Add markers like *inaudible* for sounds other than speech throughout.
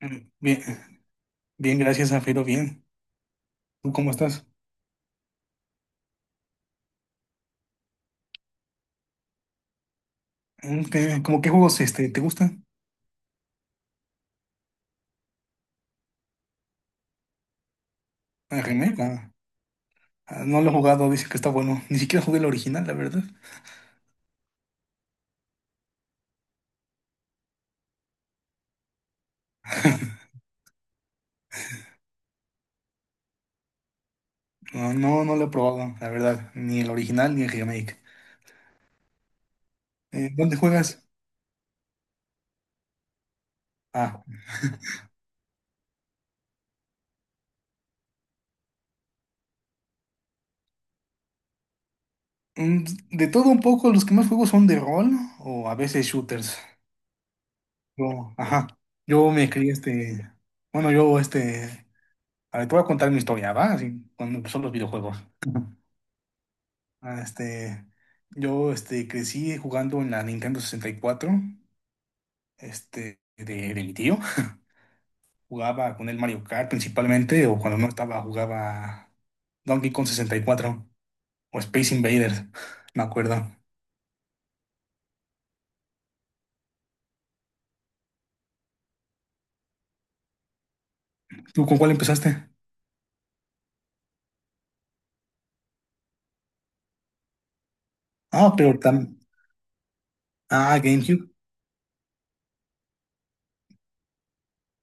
Mm. Bien, bien, gracias, Zafiro, bien. ¿Tú cómo estás? ¿Qué, como qué juegos te gustan? ¿A Remake? Ah, ah, no lo he jugado, dice que está bueno. Ni siquiera jugué el original, la verdad. No, no, no lo he probado, la verdad. Ni el original ni el remake. ¿Dónde juegas? Ah, mm, de todo un poco, los que más juego son de rol o a veces shooters. Yo, ajá, yo me crié. Bueno, yo. A ver, te voy a contar mi historia, ¿va? Así, cuando empezó los videojuegos. *laughs* Ah, Este, yo crecí jugando en la Nintendo 64 , de mi tío. Jugaba con el Mario Kart principalmente, o cuando no estaba, jugaba Donkey Kong 64 o Space Invaders, me acuerdo. ¿Tú con cuál empezaste? Ah, pero tam- Ah, GameCube.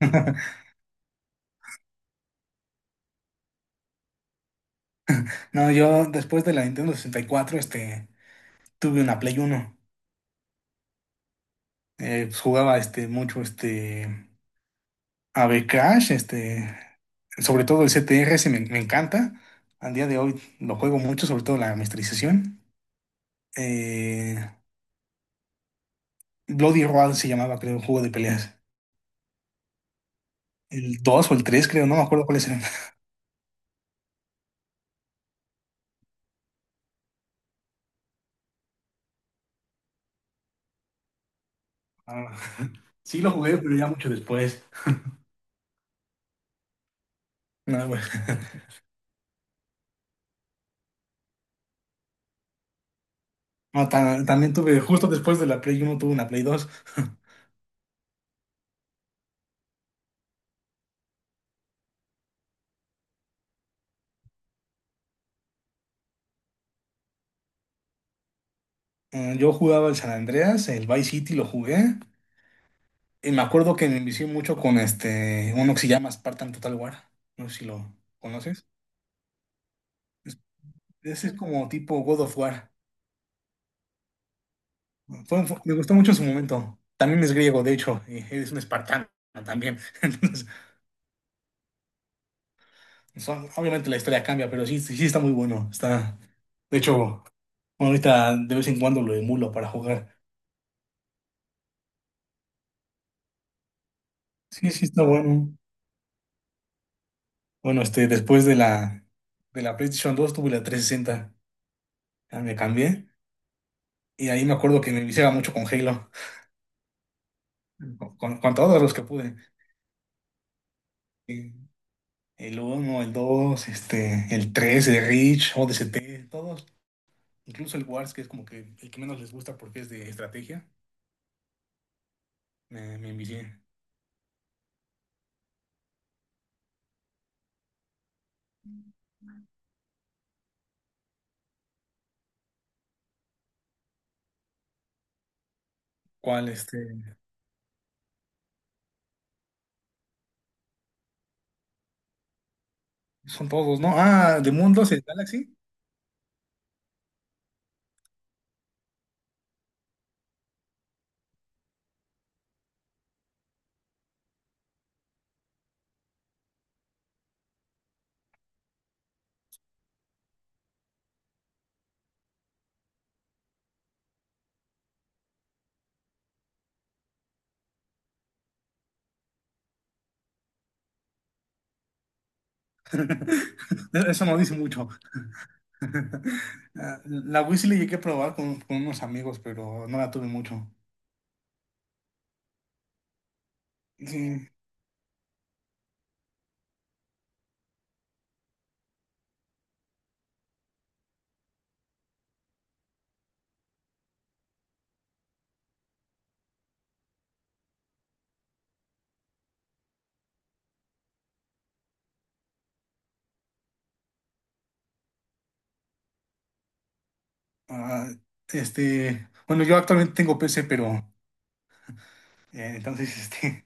*laughs* No, yo después de la Nintendo 64 tuve una Play Uno. Pues, jugaba mucho. AB Crash, sobre todo el CTR, ese me encanta. Al día de hoy lo juego mucho, sobre todo la masterización. Eh, Bloody Roar se llamaba, creo, un juego de peleas. El 2 o el 3, creo, no me acuerdo cuáles eran. Ah, *laughs* sí lo jugué, pero ya mucho después. No, bueno. *laughs* No, también tuve, justo después de la Play Uno tuve una Play Dos. *laughs* Yo jugaba el San Andreas, el Vice City lo jugué. Y me acuerdo que me envicié mucho con uno que se llama Spartan Total War. No sé si lo conoces. Ese es como tipo God of War. Me gustó mucho en su momento. También es griego, de hecho, y es un espartano también. *laughs* Entonces, obviamente la historia cambia, pero sí, sí sí está muy bueno. Está, de hecho, ahorita de vez en cuando lo emulo para jugar. Sí, sí está bueno. Bueno, después de la PlayStation 2 tuve la 360. Ya me cambié. Y ahí me acuerdo que me viciaba mucho con Halo. Con todos los que pude. Y el uno, el 2, el tres, el Reach, o D S T, todos. Incluso el Wars, que es como que el que menos les gusta porque es de estrategia, me envicié. ¿Cuál este? Son todos, ¿no? Ah, de Mundos, el Galaxy. *laughs* Eso no dice mucho. *laughs* Ah, la Wii sí le llegué a probar con unos amigos, pero no la tuve mucho. Sí. ah, bueno, yo actualmente tengo PC, pero entonces, *laughs*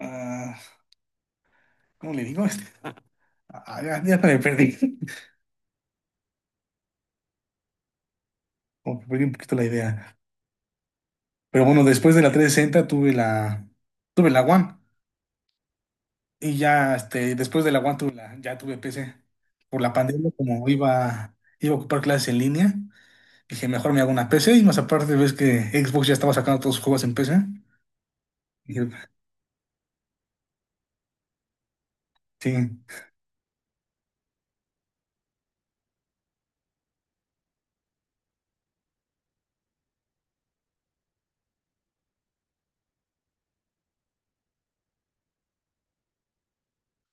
ah, ¿cómo le digo? Ya, ya me perdí. *laughs* Como que perdí un poquito la idea. Pero bueno, después de la 360 tuve la One. Y ya, después de la One ya tuve PC. Por la pandemia, como iba a ocupar clases en línea, dije, mejor me hago una PC. Y más aparte, ves que Xbox ya estaba sacando todos sus juegos en PC. Dije, sí,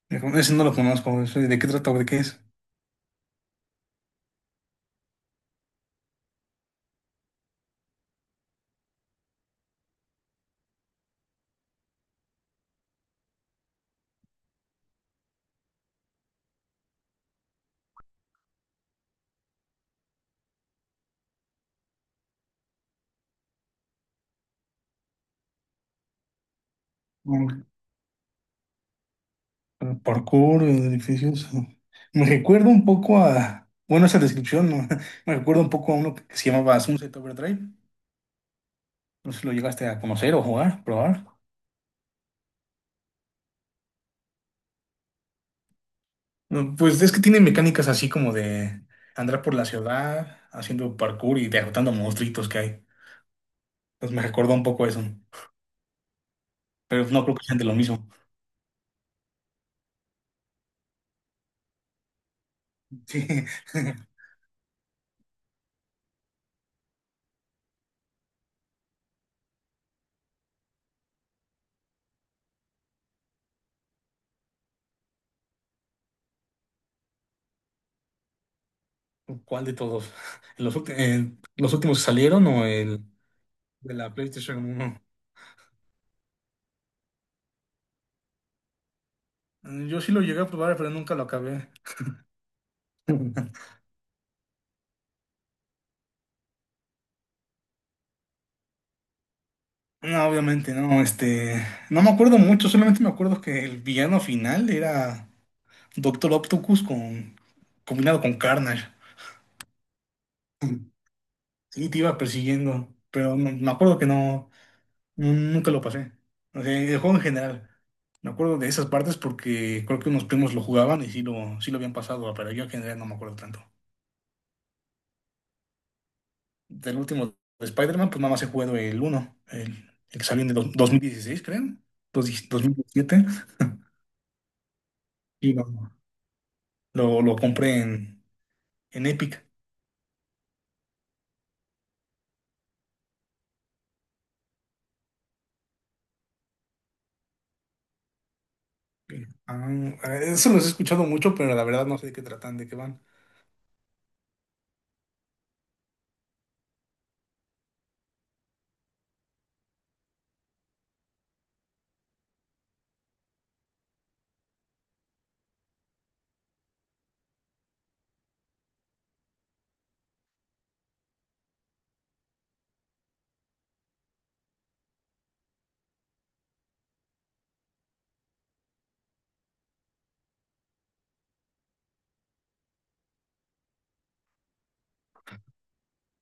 mejor, ese no lo conozco. Ese, ¿de qué trata o de qué es? Mm, Parkour, edificios. Me recuerda un poco a, bueno, esa descripción, ¿no? *laughs* Me recuerda un poco a uno que se llamaba Sunset Overdrive. No sé si lo llegaste a conocer o jugar, probar. No, pues es que tiene mecánicas así como de andar por la ciudad haciendo parkour y derrotando monstruitos que hay. Pues me recordó un poco eso, pero no creo que sean de lo mismo. Sí. *laughs* ¿Cuál de todos? ¿Los últimos que salieron o el de la PlayStation uno? Yo sí lo llegué a probar, pero nunca lo acabé. *laughs* No, obviamente, no, no me acuerdo mucho, solamente me acuerdo que el villano final era Doctor Octopus combinado con Carnage. Sí, te iba persiguiendo, pero me acuerdo que no, nunca lo pasé. O sea, el juego en general. Me acuerdo de esas partes porque creo que unos primos lo jugaban y sí lo habían pasado, pero yo en general no me acuerdo tanto. Del último de Spider-Man, pues nada más he jugado el uno el que salió en el 2016, creo, 2017. *laughs* Y lo compré en Epic. Ah, eso los he escuchado mucho, pero la verdad no sé de qué tratan, de qué van.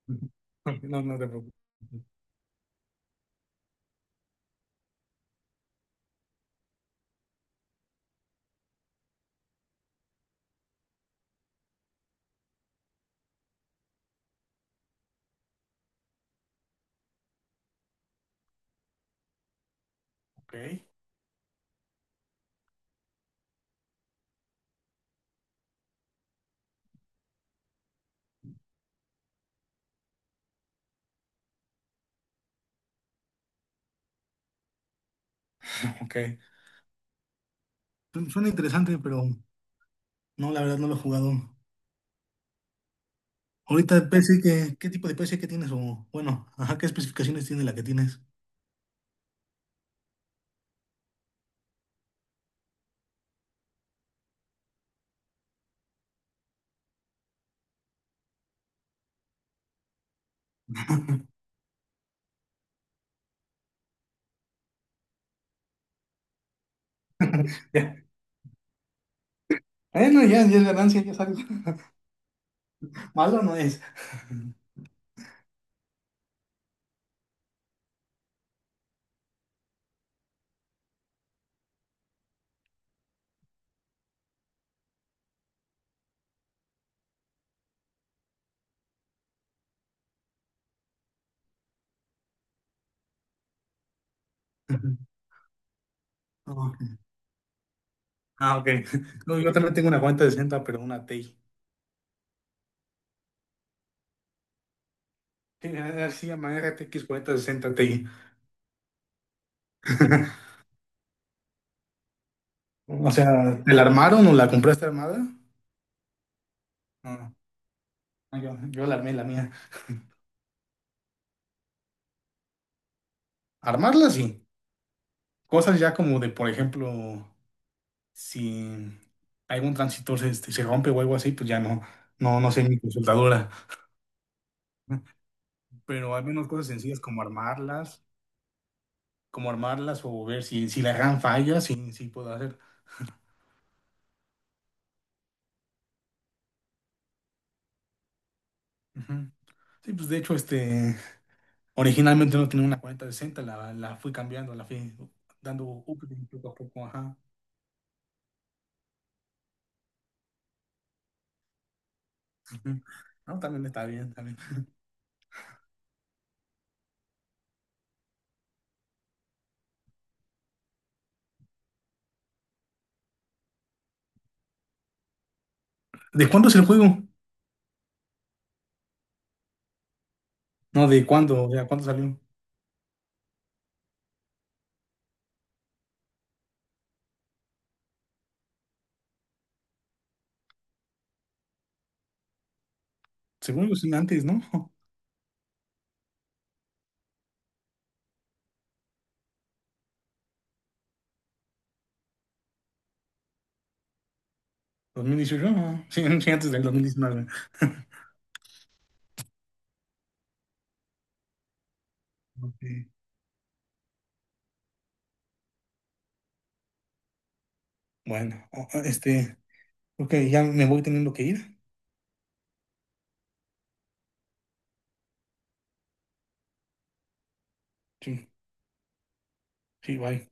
*laughs* No, no te preocupes. Ok, ok. Suena interesante, pero no, la verdad no lo he jugado. Ahorita de PC, ¿qué tipo de PC que tienes? O bueno, ajá, ¿qué especificaciones tiene la que tienes? *laughs* Ya. Bueno, ya, ya es ganancia, ya sabes. *laughs* Malo no es. *laughs* No, ah, ok. Ah, ok. *laughs* No, yo también tengo una 4060, pero una TI. Sí, así llama RTX 4060 Ti. *laughs* O sea, ¿te la armaron o la compraste armada? No, no, yo la armé la mía. Armarla sí. Cosas ya como de, por ejemplo. Si algún transistor se rompe o algo así, pues ya no sé mi consultadora. *laughs* Pero al menos cosas sencillas como armarlas o ver si, si la RAM falla, sí, sí puedo hacer. Ujú. Sí, pues de hecho, originalmente no tenía una 4060, la fui cambiando, la fui dando upgrade poco a poco, ajá. Ujú. No, también está bien, también. ¿De cuándo es el juego? No, ¿de cuándo? ¿De cuándo salió? Según yo, sí, antes, ¿no? *laughs* 2018, ajá. Sí, sí, antes del 2019. Ok. Bueno, ok, ya me voy teniendo que ir. Sí, sí, bye.